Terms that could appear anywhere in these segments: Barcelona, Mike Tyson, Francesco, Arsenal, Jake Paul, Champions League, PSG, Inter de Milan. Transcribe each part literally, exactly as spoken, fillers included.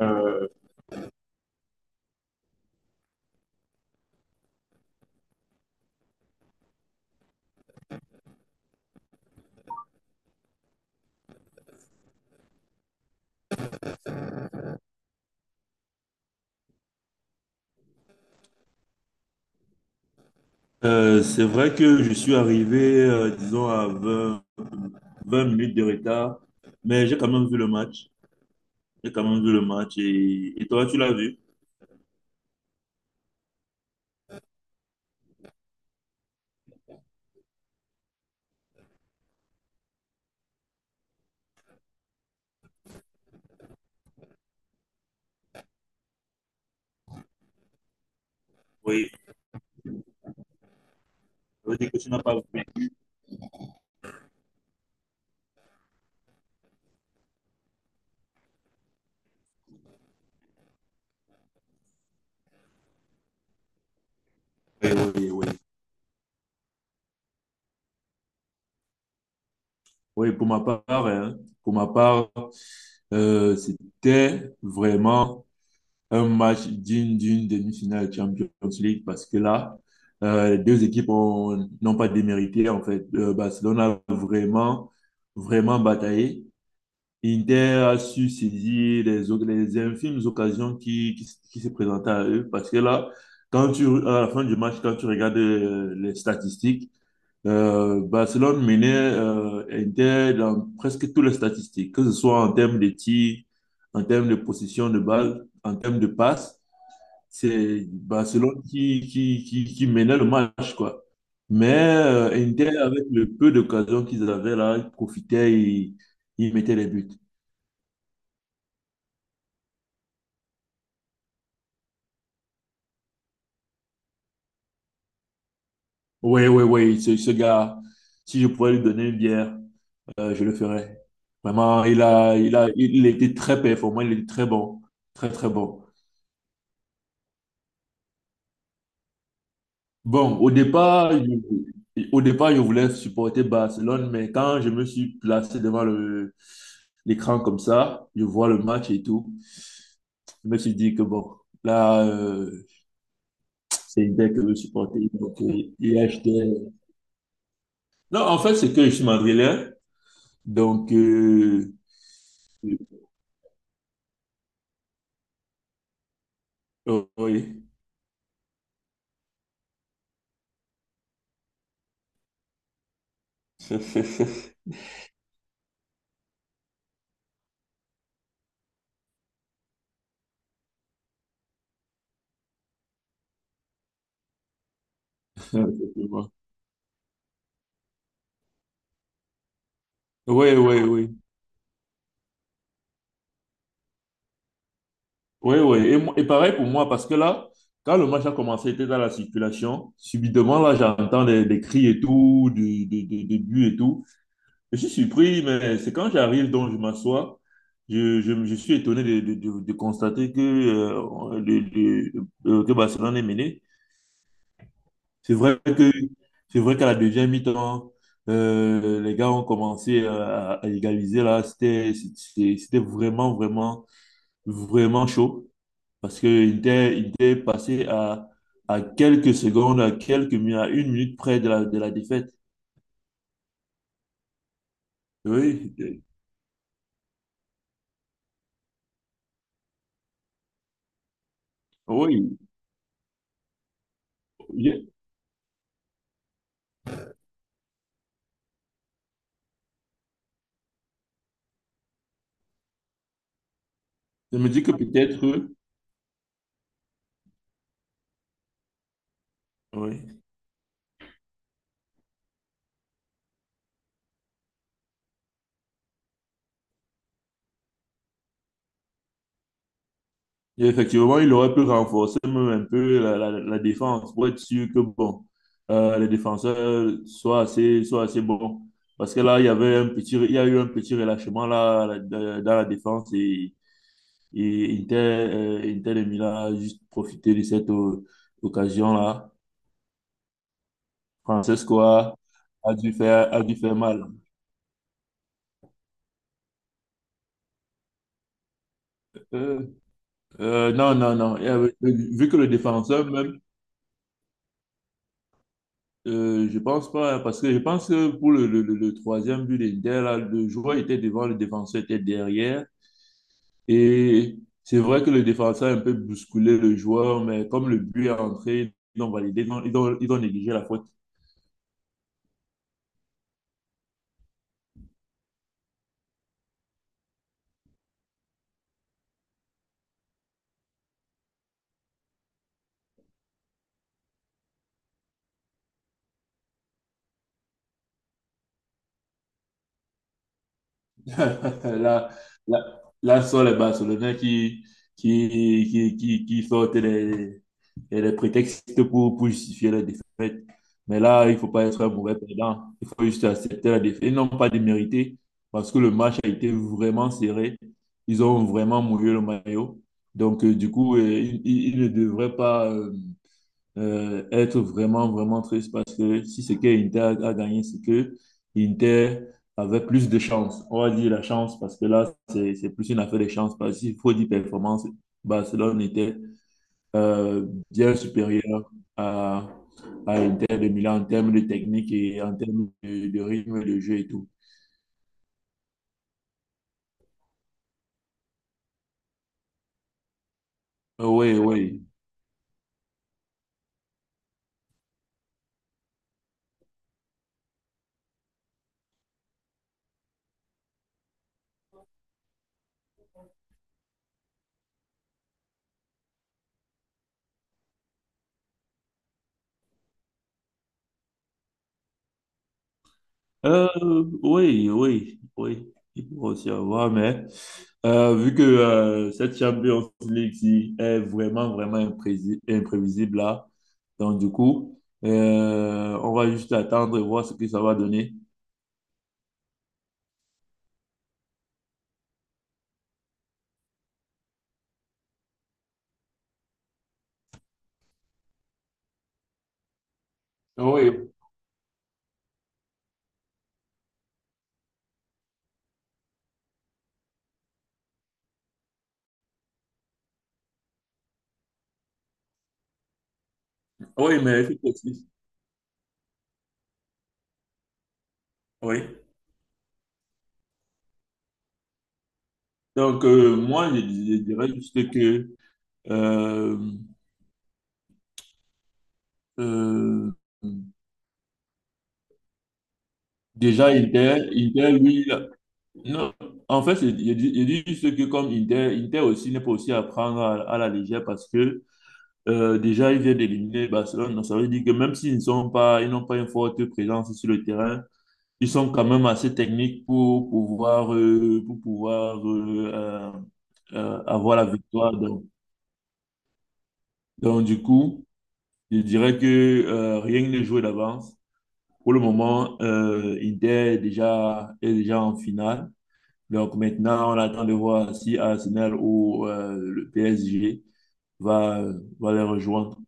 Euh, euh, c'est vrai que je suis arrivé, euh, disons, à vingt vingt minutes de retard, mais j'ai quand même vu le match. J'ai quand même vu le match. Et, et toi, tu l'as vu? Oui. Ça veut dire que tu n'as pas vu. Oui, oui, oui. Oui, pour ma part, hein, pour ma part, euh, c'était vraiment un match digne d'une demi-finale Champions League parce que là, euh, les deux équipes ont- n'ont pas démérité, en fait. Euh, Barcelone a vraiment, vraiment bataillé. Inter a su saisir les, oc- les infimes occasions qui, qui, s- qui se présentaient à eux parce que là, quand tu, à la fin du match, quand tu regardes euh, les statistiques, euh, Barcelone menait euh, Inter dans presque toutes les statistiques, que ce soit en termes de tirs, en termes de possession de balle, en termes de passes. C'est Barcelone qui, qui, qui, qui menait le match, quoi. Mais euh, Inter, avec le peu d'occasions qu'ils avaient là, ils profitaient, ils, ils mettaient les buts. Oui, oui, oui, ce, ce gars, si je pouvais lui donner une bière, euh, je le ferais. Vraiment, il a, il a, il était très performant, il était très bon, très, très bon. Bon, au départ, je- au départ, je voulais supporter Barcelone, mais quand je me suis placé devant le, l'écran comme ça, je vois le match et tout, je me suis dit que bon, là, euh, c'est Inter que je veux supporter. Donc, euh, il achetait. Non, en fait, c'est que je suis madrilène, donc, euh, euh, oui. Ouais, effectivement. Ouais, ouais. Ouais. Ouais, ouais. Et, moi- et pareil pour moi, parce que là, quand le match a commencé, j'étais dans la circulation. Subitement, là, j'entends des, des cris et tout, des, des, des, des buts et tout. Je suis surpris, mais c'est quand j'arrive, donc je m'assois, je, je, je suis étonné de, de, de, de constater que, euh, le- le- euh, que Barcelone est mené. C'est vrai que, c'est vrai qu'à la deuxième mi-temps, euh, les gars ont commencé à, à à égaliser là. C'était, c'était c'était vraiment, vraiment. vraiment chaud parce qu'il était, il était passé à, à quelques secondes, à quelques minutes, à une minute près de la, de la défaite. Oui, euh, oui. Je, je me dis que peut-être, euh, oui. Effectivement, il aurait pu renforcer même un peu la, la, la défense pour être sûr que bon, euh, les défenseurs soient assez, soient assez bons. Parce que là, il y avait un petit, il y a eu un petit relâchement là, là, dans la défense et Et Inter, euh, Inter de Milan a juste profité de cette euh, occasion-là. Francesco a, a dû faire, a dû faire mal. Euh, euh, non, non, non. Et, euh, vu que le défenseur même, euh, je pense pas, hein, parce que je pense que pour le, le, le- le troisième but d'Inter, là, le joueur était devant, le défenseur était derrière. Et c'est vrai que le défenseur a un peu bousculé le joueur, mais comme le but est entré, ils ont validé, ils ont, ils ont, ils ont négligé la faute. Là, là, là sont les Barcelonais qui, qui, qui, qui, qui sortent les, les prétextes pour, pour justifier la défaite. Mais là, il ne faut pas être un mauvais perdant. Il faut juste accepter la défaite. Ils n'ont pas démérité parce que le match a été vraiment serré. Ils ont vraiment mouillé le maillot. Donc, euh, du coup, euh, ils, ils ne devraient pas. Euh, euh, être vraiment, vraiment triste parce que si c'est que Inter a a gagné, c'est que Inter avait plus de chance. On va dire la chance parce que là, c'est c'est plus une affaire de chance parce qu'il faut dire performance. Barcelone était euh, bien supérieur à, à Inter de Milan en termes de technique et en termes de, de rythme de jeu et tout. Oui, oui. Euh, oui, oui, oui, il peut aussi avoir, mais euh, vu que euh, cette Champions League ci est vraiment, vraiment imprési- imprévisible là, donc du coup, euh, on va juste attendre et voir ce que ça va donner. Oui. Oui, mais effectivement, oui. Donc, euh, moi, je, je dirais juste que euh, euh, déjà, Inter, Inter, lui, non, en fait, je, je dis je dis juste que comme Inter, Inter aussi n'est pas aussi à prendre à, à la légère parce que euh, déjà, ils viennent d'éliminer Barcelone. Donc, ça veut dire que même s'ils ne sont pas, ils n'ont pas une forte présence sur le terrain, ils sont quand même assez techniques pour pouvoir, euh, pour pouvoir euh, euh, euh, avoir la victoire. Donc, donc, du coup, je dirais que euh, rien n'est joué d'avance. Pour le moment, euh, Inter est déjà, est déjà en finale. Donc maintenant, on attend de voir si Arsenal ou euh, le P S G va, va les rejoindre.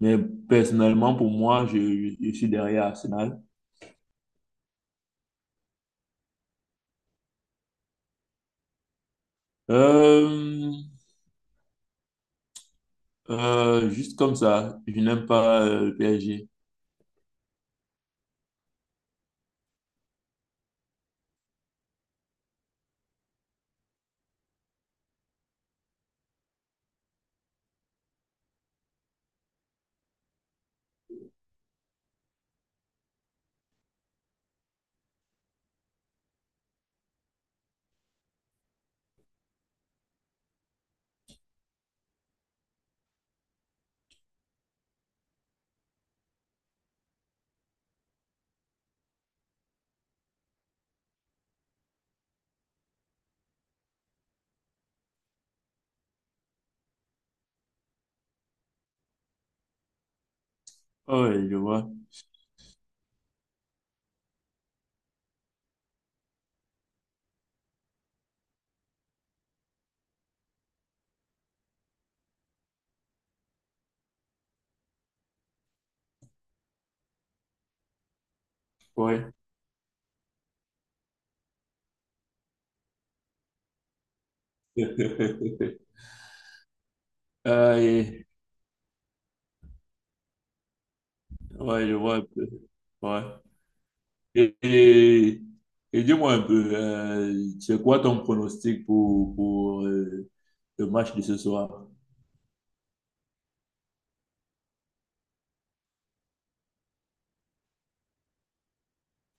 Mais personnellement, pour moi, je, je- je suis derrière Arsenal. Euh, euh, juste comme ça, je n'aime pas euh, le P S G. ouais je vois. Ouais. Euh, et- ouais, je vois un peu. Ouais. Et, et- et dis-moi un peu, euh, c'est quoi ton pronostic pour, pour euh, le match de ce soir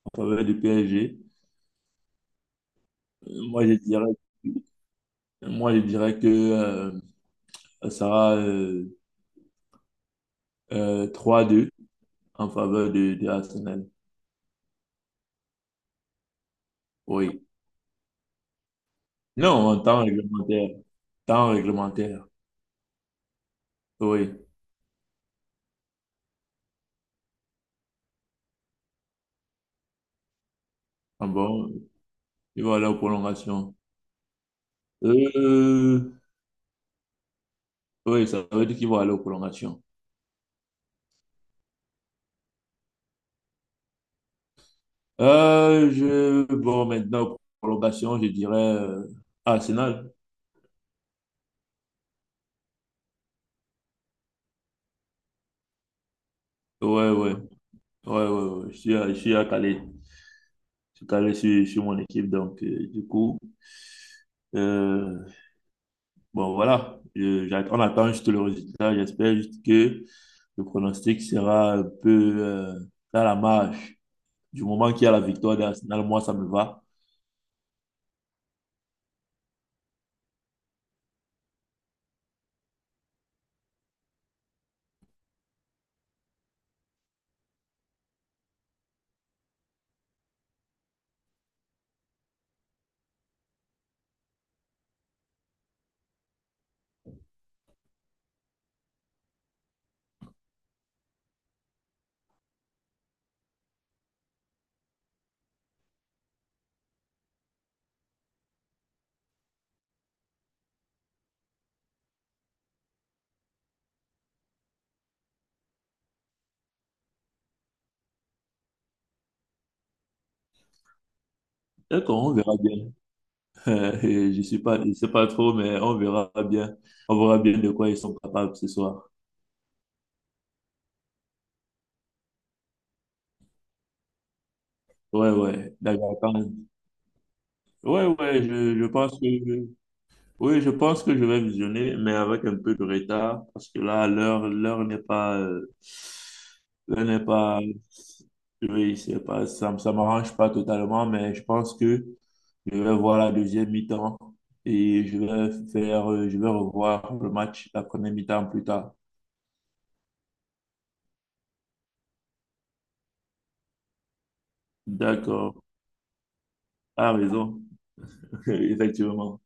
en faveur du P S G? Euh, Moi, je dirais, moi, je dirais que euh, ça sera euh, euh, trois deux en faveur de, de Arsenal. Oui. Non, en temps réglementaire. Temps réglementaire. Oui. Ah bon, ils vont aller aux prolongations. Euh, oui, ça veut dire qu'ils vont aller aux prolongations. Euh, je, bon, maintenant, prolongation, je dirais euh, Arsenal. Ouais, ouais, ouais, ouais, ouais. Je suis à, je suis à Calais. Je suis calé sur, sur mon équipe. Donc, euh, du coup, euh, bon, voilà. Je- j'att- on attend juste le résultat. J'espère juste que le pronostic sera un peu euh, dans la marge. Du moment qu'il y a la victoire d'Arsenal, moi, ça me va. D'accord, on verra bien. Euh, je suis pas, je sais pas trop, mais on verra bien. On verra bien de quoi ils sont capables ce soir. Ouais, ouais. D'accord. quand Ouais, ouais. Je, je pense que, oui, je pense que je vais visionner, mais avec un peu de retard, parce que là, l'heure, l'heure n'est pas, euh, l'heure n'est pas, oui, c'est pas, ça, me- ça m'arrange pas totalement, mais je pense que je vais voir la deuxième mi-temps et je vais faire, euh, je vais revoir le match, la première mi-temps plus tard. D'accord. Ah, raison. Effectivement.